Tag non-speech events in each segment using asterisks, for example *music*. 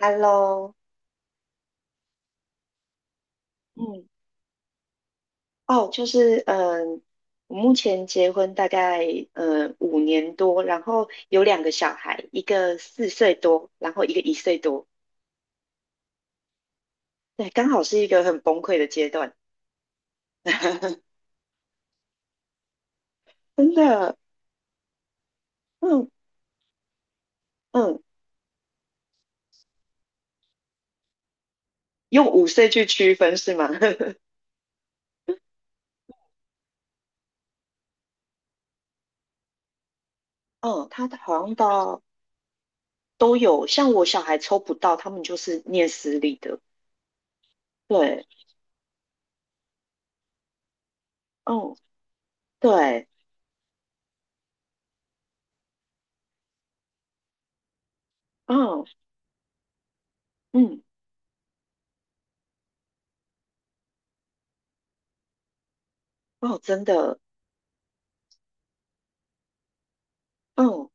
Hello，嗯，哦，就是呃我目前结婚大概5年多，然后有2个小孩，一个4岁多，然后一个1岁多，对，刚好是一个很崩溃的阶段，*laughs* 真的，嗯嗯，用5岁去区分是吗？*laughs* 嗯，他好像到都有，像我小孩抽不到，他们就是念私立的。对，嗯，对，嗯嗯，哦，真的，嗯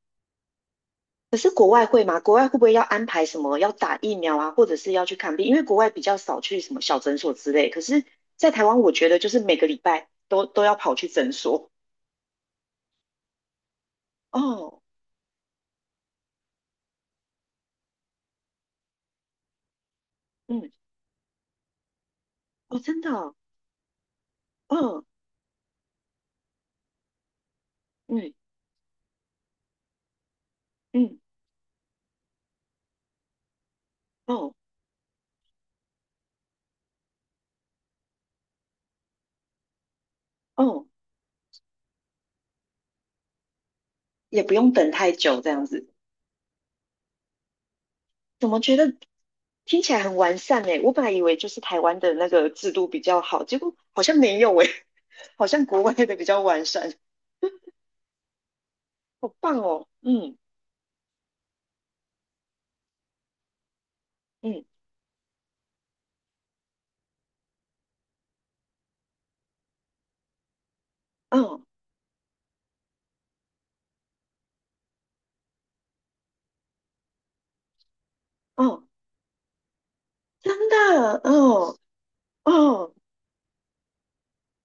可是国外会吗？国外会不会要安排什么要打疫苗啊，或者是要去看病？因为国外比较少去什么小诊所之类。可是，在台湾，我觉得就是每个礼拜都要跑去诊所。哦，嗯，哦，真的，嗯，哦，嗯嗯，哦哦，也不用等太久这样子。怎么觉得听起来很完善诶？我本来以为就是台湾的那个制度比较好，结果好像没有诶，*laughs* 好像国外的比较完善。好棒哦，嗯嗯嗯嗯。哦，真的，哦哦，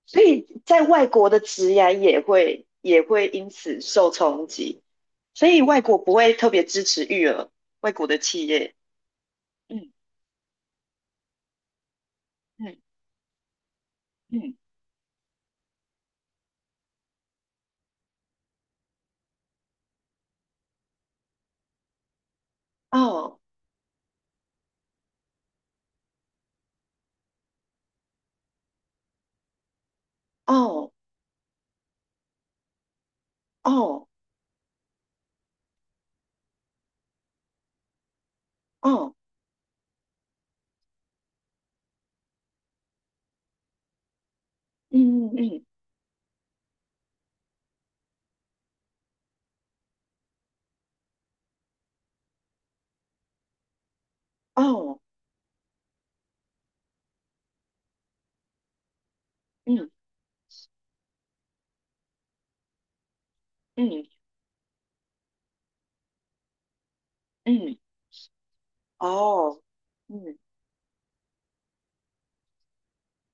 所以在外国的职涯也会因此受冲击，所以外国不会特别支持育儿，外国的企业，嗯嗯嗯，嗯哦哦哦哦，嗯嗯嗯，哦嗯嗯嗯，哦嗯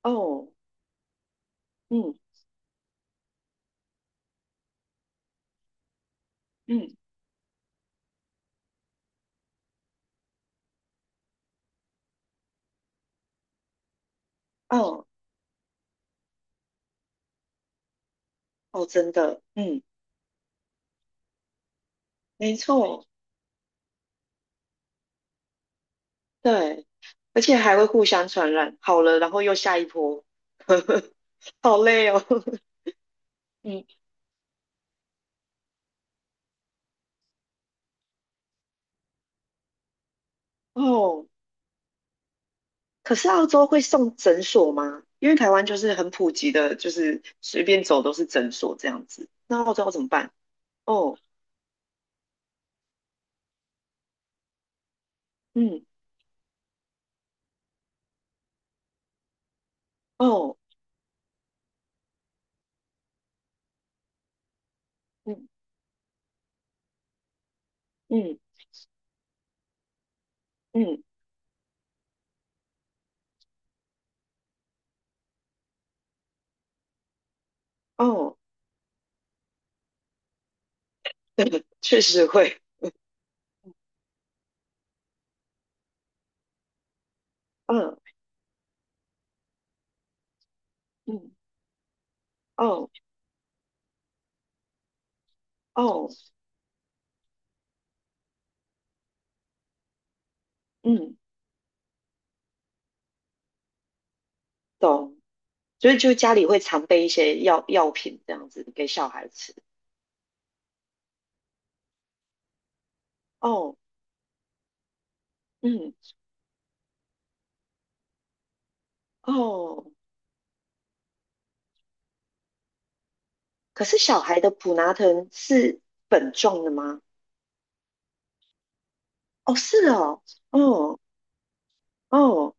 哦嗯嗯哦嗯嗯哦，真的，嗯，没错，对，而且还会互相传染，好了，然后又下一波，*laughs* *laughs* 好累哦。*laughs* 嗯，哦，可是澳洲会送诊所吗？因为台湾就是很普及的，就是随便走都是诊所这样子。那澳洲要怎么办？哦，嗯，哦，嗯嗯嗯，哦，确实会，嗯嗯，哦哦，嗯，懂。所以就家里会常备一些药品这样子给小孩吃。哦，嗯，哦，可是小孩的普拿疼是粉状的吗？哦，是哦，哦哦，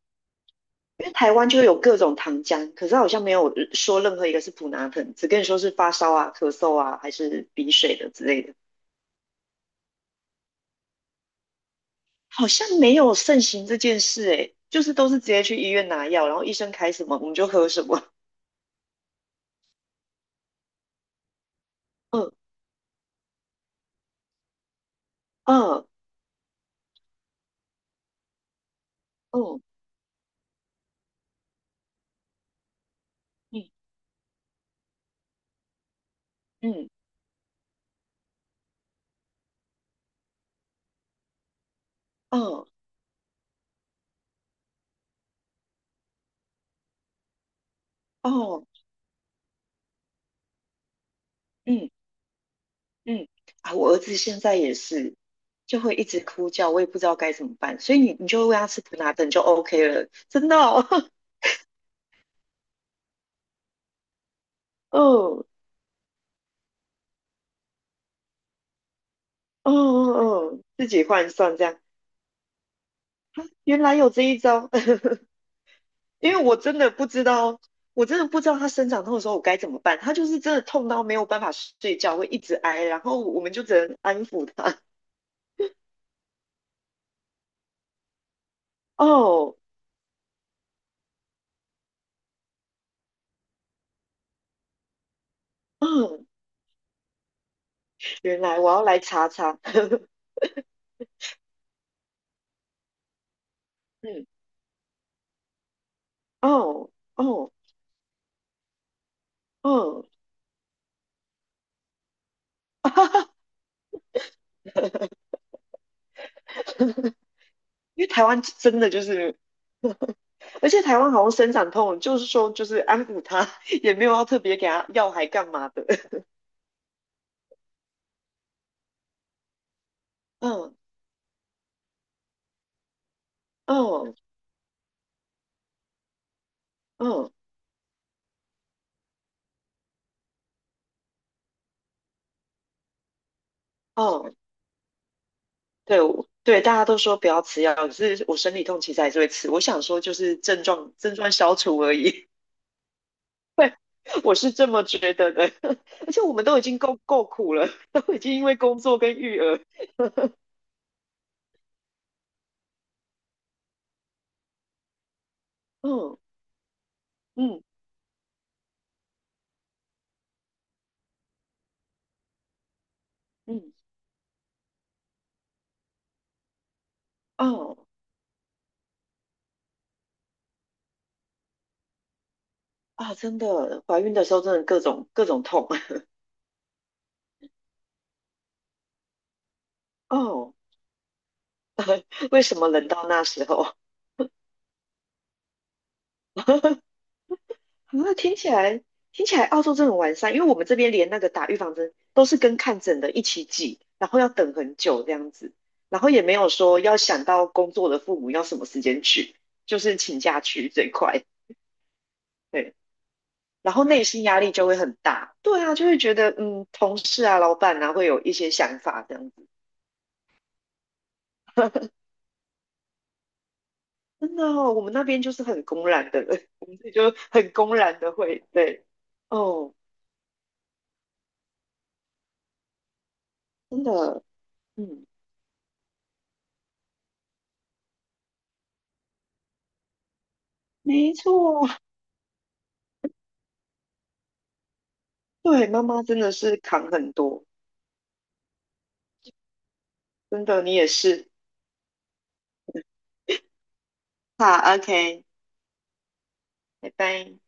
因为台湾就有各种糖浆，可是它好像没有说任何一个是普拿疼，只跟你说是发烧啊、咳嗽啊，还是鼻水的之类的，好像没有盛行这件事诶，就是都是直接去医院拿药，然后医生开什么我们就喝什么。嗯嗯嗯嗯嗯嗯，哦，嗯嗯，啊，我儿子现在也是，就会一直哭叫，我也不知道该怎么办，所以你就喂他吃普拿疼就 OK 了，真的哦，*laughs* 嗯，哦哦哦，自己换算这样，原来有这一招，*laughs* 因为我真的不知道，我真的不知道他生长痛的时候我该怎么办，他就是真的痛到没有办法睡觉，会一直挨，然后我们就只能安抚他。*laughs* 哦，嗯，原来我要来查查，*laughs* 嗯，哦哦哦，*laughs* 因为台湾真的就是。*laughs* 而且台湾好像生长痛，就是说就是安抚他，也没有要特别给他药还干嘛的。*laughs* 嗯嗯嗯嗯，对，对，大家都说不要吃药，可是我生理痛其实还是会吃。我想说，就是症状消除而已，*laughs* 我是这么觉得的。*laughs* 而且我们都已经够苦了，*laughs* 都已经因为工作跟育儿，嗯嗯嗯，哦，啊，真的，怀孕的时候真的各种痛，*laughs* 哦，为什么冷到那时候？啊，听起来澳洲真的很完善，因为我们这边连那个打预防针都是跟看诊的一起挤，然后要等很久这样子，然后也没有说要想到工作的父母要什么时间去，就是请假去最快，对，然后内心压力就会很大，对啊，就会觉得同事啊、老板啊会有一些想法这样子，真的哦，我们那边就是很公然的，*laughs* 我们这里就很公然的会，对，哦，真的，嗯，没错。对，妈妈真的是扛很多，真的，你也是。好，OK，拜拜。